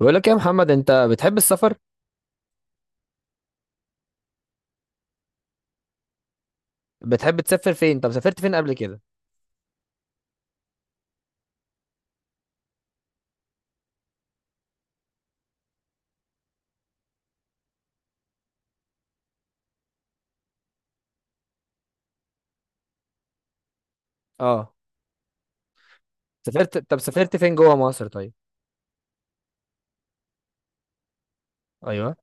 بقول لك يا محمد، انت بتحب السفر؟ بتحب تسافر فين؟ طب سافرت فين قبل كده؟ اه. طب سافرت فين جوه مصر؟ طيب، ايوه.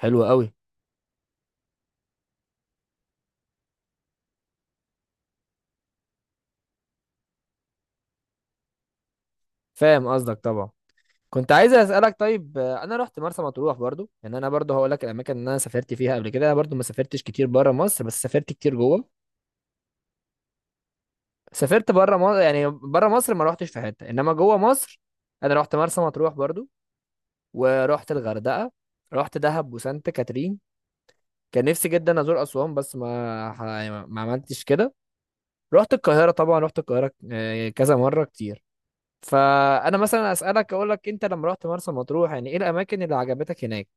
حلو قوي. فاهم قصدك طبعا. كنت عايز اسالك، طيب، انا رحت مرسى مطروح برضو، يعني انا برضو هقول لك الاماكن اللي انا سافرت فيها قبل كده. انا برضو ما سافرتش كتير بره مصر، بس سافرت كتير جوه. سافرت بره مصر، يعني بره مصر ما رحتش في حته، انما جوه مصر انا رحت مرسى مطروح برضو، ورحت الغردقه، رحت دهب وسانت كاترين. كان نفسي جدا ازور اسوان بس ما عملتش كده. رحت القاهرة، طبعا رحت القاهرة كذا مرة كتير. فأنا مثلا أسألك أقول لك، أنت لما رحت مرسى مطروح يعني إيه الأماكن اللي عجبتك هناك؟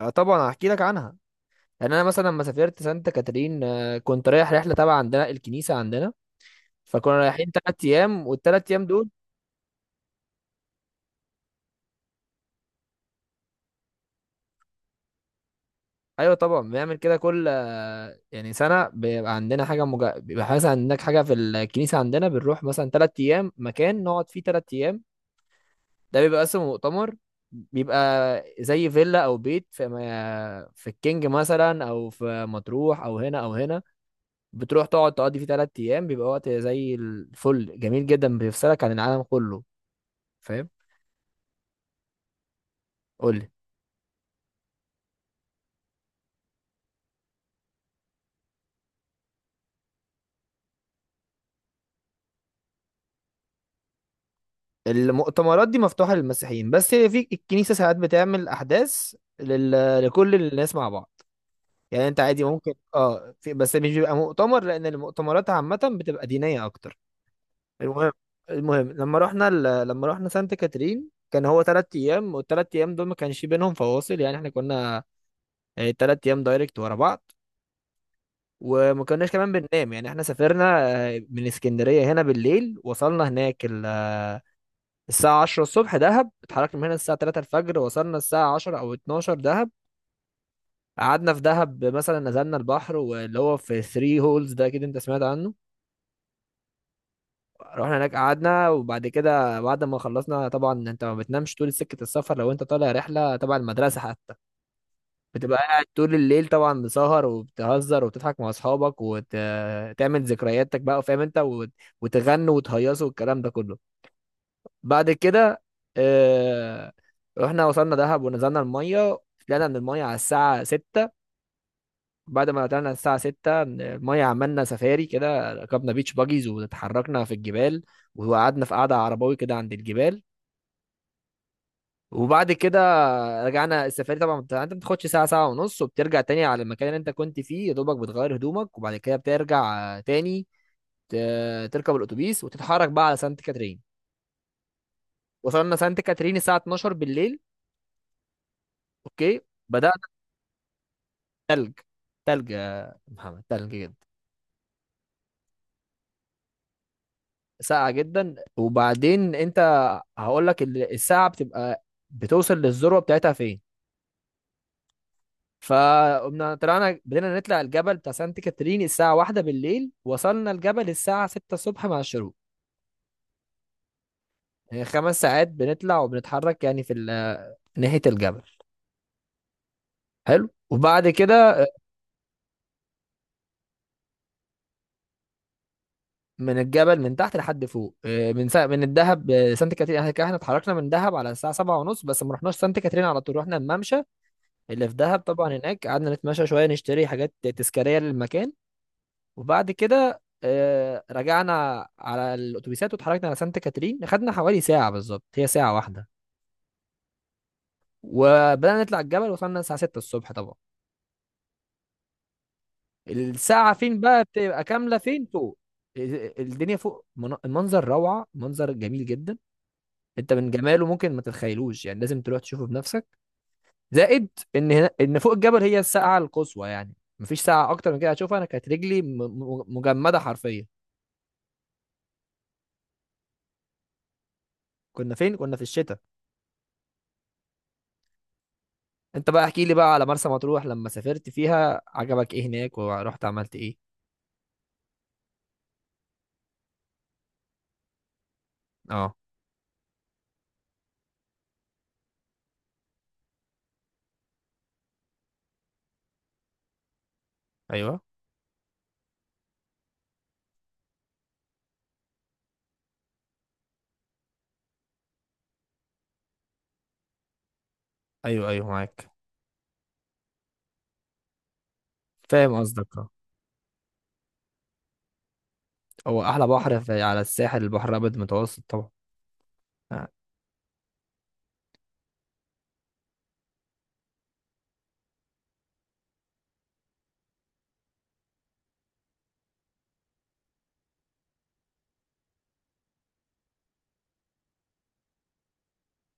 طبعا هحكي لك عنها. يعني أنا مثلا لما سافرت سانتا كاترين، كنت رايح رحلة تبع عندنا الكنيسة عندنا. فكنا رايحين 3 أيام، والتلات أيام دول، أيوة طبعا بنعمل كده. كل يعني سنة بيبقى عندنا حاجة بيبقى حاجة، عندك حاجة في الكنيسة عندنا، بنروح مثلا 3 أيام، مكان نقعد فيه 3 أيام. ده بيبقى اصلا مؤتمر. بيبقى زي فيلا او بيت في في الكينج مثلا، او في مطروح، او هنا او هنا. بتروح تقعد تقضي فيه 3 ايام، بيبقى وقت زي الفل، جميل جدا، بيفصلك عن العالم كله، فاهم. قول لي. المؤتمرات دي مفتوحة للمسيحيين بس، هي في الكنيسة ساعات بتعمل احداث لكل الناس مع بعض. يعني انت عادي ممكن، اه، بس مش بيبقى مؤتمر، لان المؤتمرات عامة بتبقى دينية اكتر. المهم، المهم لما لما رحنا سانت كاترين، كان هو 3 ايام، والتلات ايام دول ما كانش بينهم فواصل، يعني احنا كنا، تلات ايام دايركت ورا بعض، وما كناش كمان بننام. يعني احنا سافرنا من اسكندرية هنا بالليل، وصلنا هناك ال... آه، الساعة 10 الصبح دهب. اتحركنا من هنا الساعة 3 الفجر، وصلنا الساعة 10 او 12 دهب. قعدنا في دهب مثلا، نزلنا البحر واللي هو في ثري هولز ده، اكيد انت سمعت عنه. رحنا هناك قعدنا، وبعد كده بعد ما خلصنا، طبعا انت ما بتنامش طول سكة السفر لو انت طالع رحلة تبع المدرسة حتى، بتبقى قاعد طول الليل طبعا، مسهر وبتهزر وبتضحك مع اصحابك وتعمل ذكرياتك بقى، فاهم، انت وتغنوا وتهيصوا والكلام ده كله. بعد كده اه... رحنا وصلنا دهب ونزلنا المية. طلعنا من المية على الساعة 6. بعد ما طلعنا الساعة 6 المية، عملنا سفاري كده، ركبنا بيتش باجيز واتحركنا في الجبال، وقعدنا في قعدة عرباوي كده عند الجبال. وبعد كده رجعنا السفاري طبعا، يعني انت بتاخدش ساعة ساعة ونص، وبترجع تاني على المكان اللي انت كنت فيه، يا دوبك بتغير هدومك وبعد كده بترجع تاني تركب الأتوبيس وتتحرك بقى على سانت كاترين. وصلنا سانت كاترين الساعة 12 بالليل. اوكي. بدأنا. تلج. تلج يا محمد، تلج جدا. ساقعة جدا. وبعدين انت هقول لك الساعة بتبقى بتوصل للذروة بتاعتها فين؟ فقمنا طلعنا، بدينا نطلع الجبل بتاع سانت كاترين الساعة 1 بالليل، وصلنا الجبل الساعة 6 الصبح مع الشروق. يعني 5 ساعات بنطلع وبنتحرك، يعني في ناحية الجبل. حلو. وبعد كده من الجبل من تحت لحد فوق. اه، من الدهب، سانت كاترين، احنا كده احنا اتحركنا من دهب على الساعة 7:30، بس ما رحناش سانت كاترين على طول، رحنا الممشى اللي في دهب طبعا. هناك قعدنا نتمشى شوية، نشتري حاجات تذكارية للمكان. وبعد كده رجعنا على الأتوبيسات واتحركنا على سانت كاترين. أخدنا حوالي ساعة بالظبط، هي ساعة واحدة. وبدأنا نطلع الجبل، وصلنا الساعة 6 الصبح طبعا. الساعة فين بقى بتبقى كاملة؟ فين فوق الدنيا فوق، المنظر روعة، منظر جميل جدا. انت من جماله ممكن ما تتخيلوش، يعني لازم تروح تشوفه بنفسك. زائد ان هنا، ان فوق الجبل، هي الساعه القصوى يعني، مفيش ساعه اكتر من كده هتشوفها. انا كانت رجلي مجمده حرفيا. كنا فين؟ كنا في الشتاء. انت بقى احكي لي بقى على مرسى مطروح، لما سافرت فيها عجبك ايه هناك، ورحت عملت ايه؟ اه. ايوه ايوه ايوه معاك. فاهم قصدك. آه. هو احلى بحر في على الساحل البحر الابيض المتوسط طبعا. آه.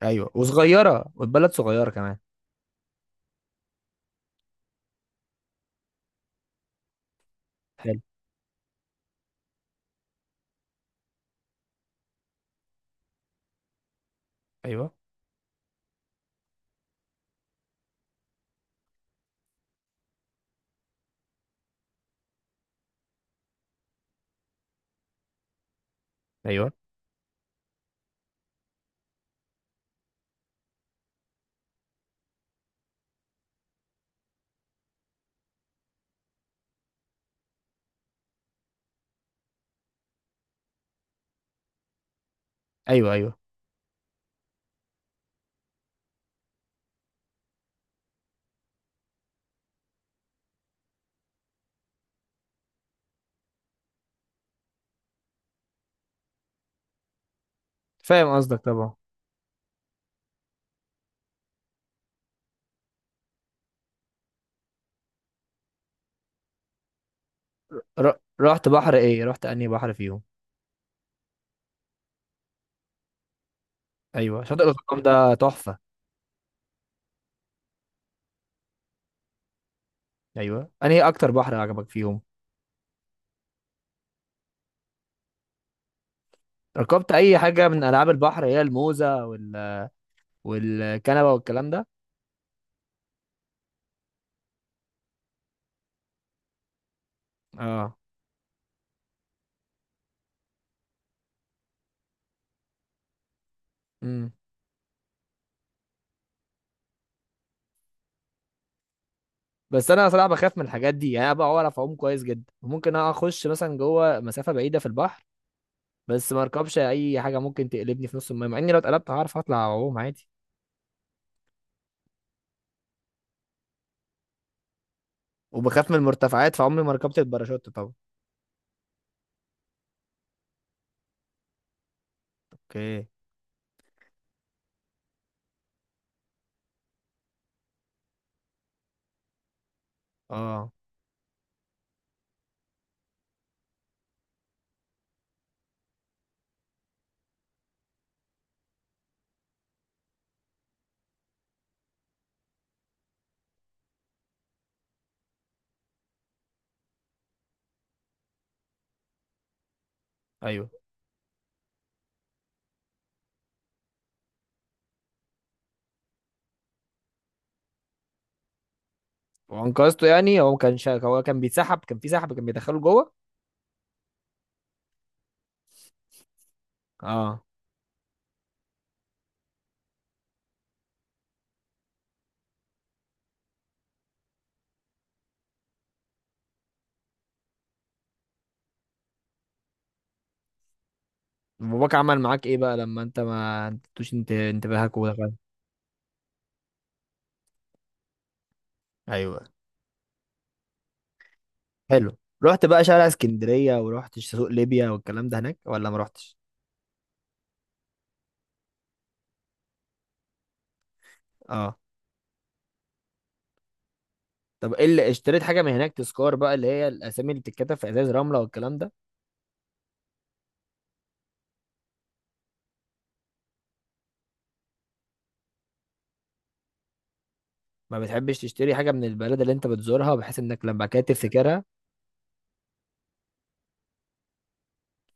ايوه، وصغيره، والبلد صغيره كمان. حلو. ايوه ايوه ايوه ايوه. فاهم قصدك طبعا. ر... رحت بحر ايه؟ رحت انهي بحر فيهم؟ ايوه، شاطئ الغرام ده تحفه. ايوه، انهي اكتر بحر عجبك فيهم؟ ركبت اي حاجه من العاب البحر، هي الموزه والكنبه والكلام ده؟ اه. امم بس انا صراحه بخاف من الحاجات دي، يعني انا بقى بعرف اعوم كويس جدا، ممكن أنا اخش مثلا جوه مسافه بعيده في البحر، بس ما اركبش اي حاجه ممكن تقلبني في نص الميه، مع اني لو اتقلبت هعرف اطلع اعوم عادي. وبخاف من المرتفعات، فعمري ما ركبت الباراشوت طبعا. اوكي. اه. ايوه. وانقذته يعني؟ هو ما كانش، هو كان بيتسحب؟ كان في سحب كان بيدخله جوه؟ اه. باباك عمل معاك ايه بقى لما انت، ما انتوش انت انتباهك، ودخلت؟ ايوه. حلو. رحت بقى شارع اسكندرية، ورحت سوق ليبيا والكلام ده هناك، ولا ما رحتش؟ اه. طب ايه اللي اشتريت حاجة من هناك تذكار بقى، اللي هي الاسامي اللي بتتكتب في ازاز رملة والكلام ده؟ ما بتحبش تشتري حاجة من البلد اللي انت بتزورها، بحيث انك لما بعد كده تفتكرها؟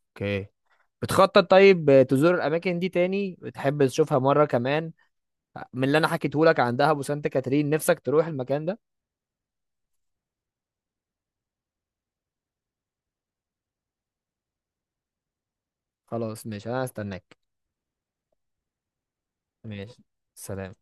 اوكي. بتخطط طيب تزور الاماكن دي تاني، بتحب تشوفها مرة كمان؟ من اللي انا حكيته لك عن دهب وسانت كاترين، نفسك تروح المكان ده؟ خلاص ماشي، انا هستناك. ماشي. سلام.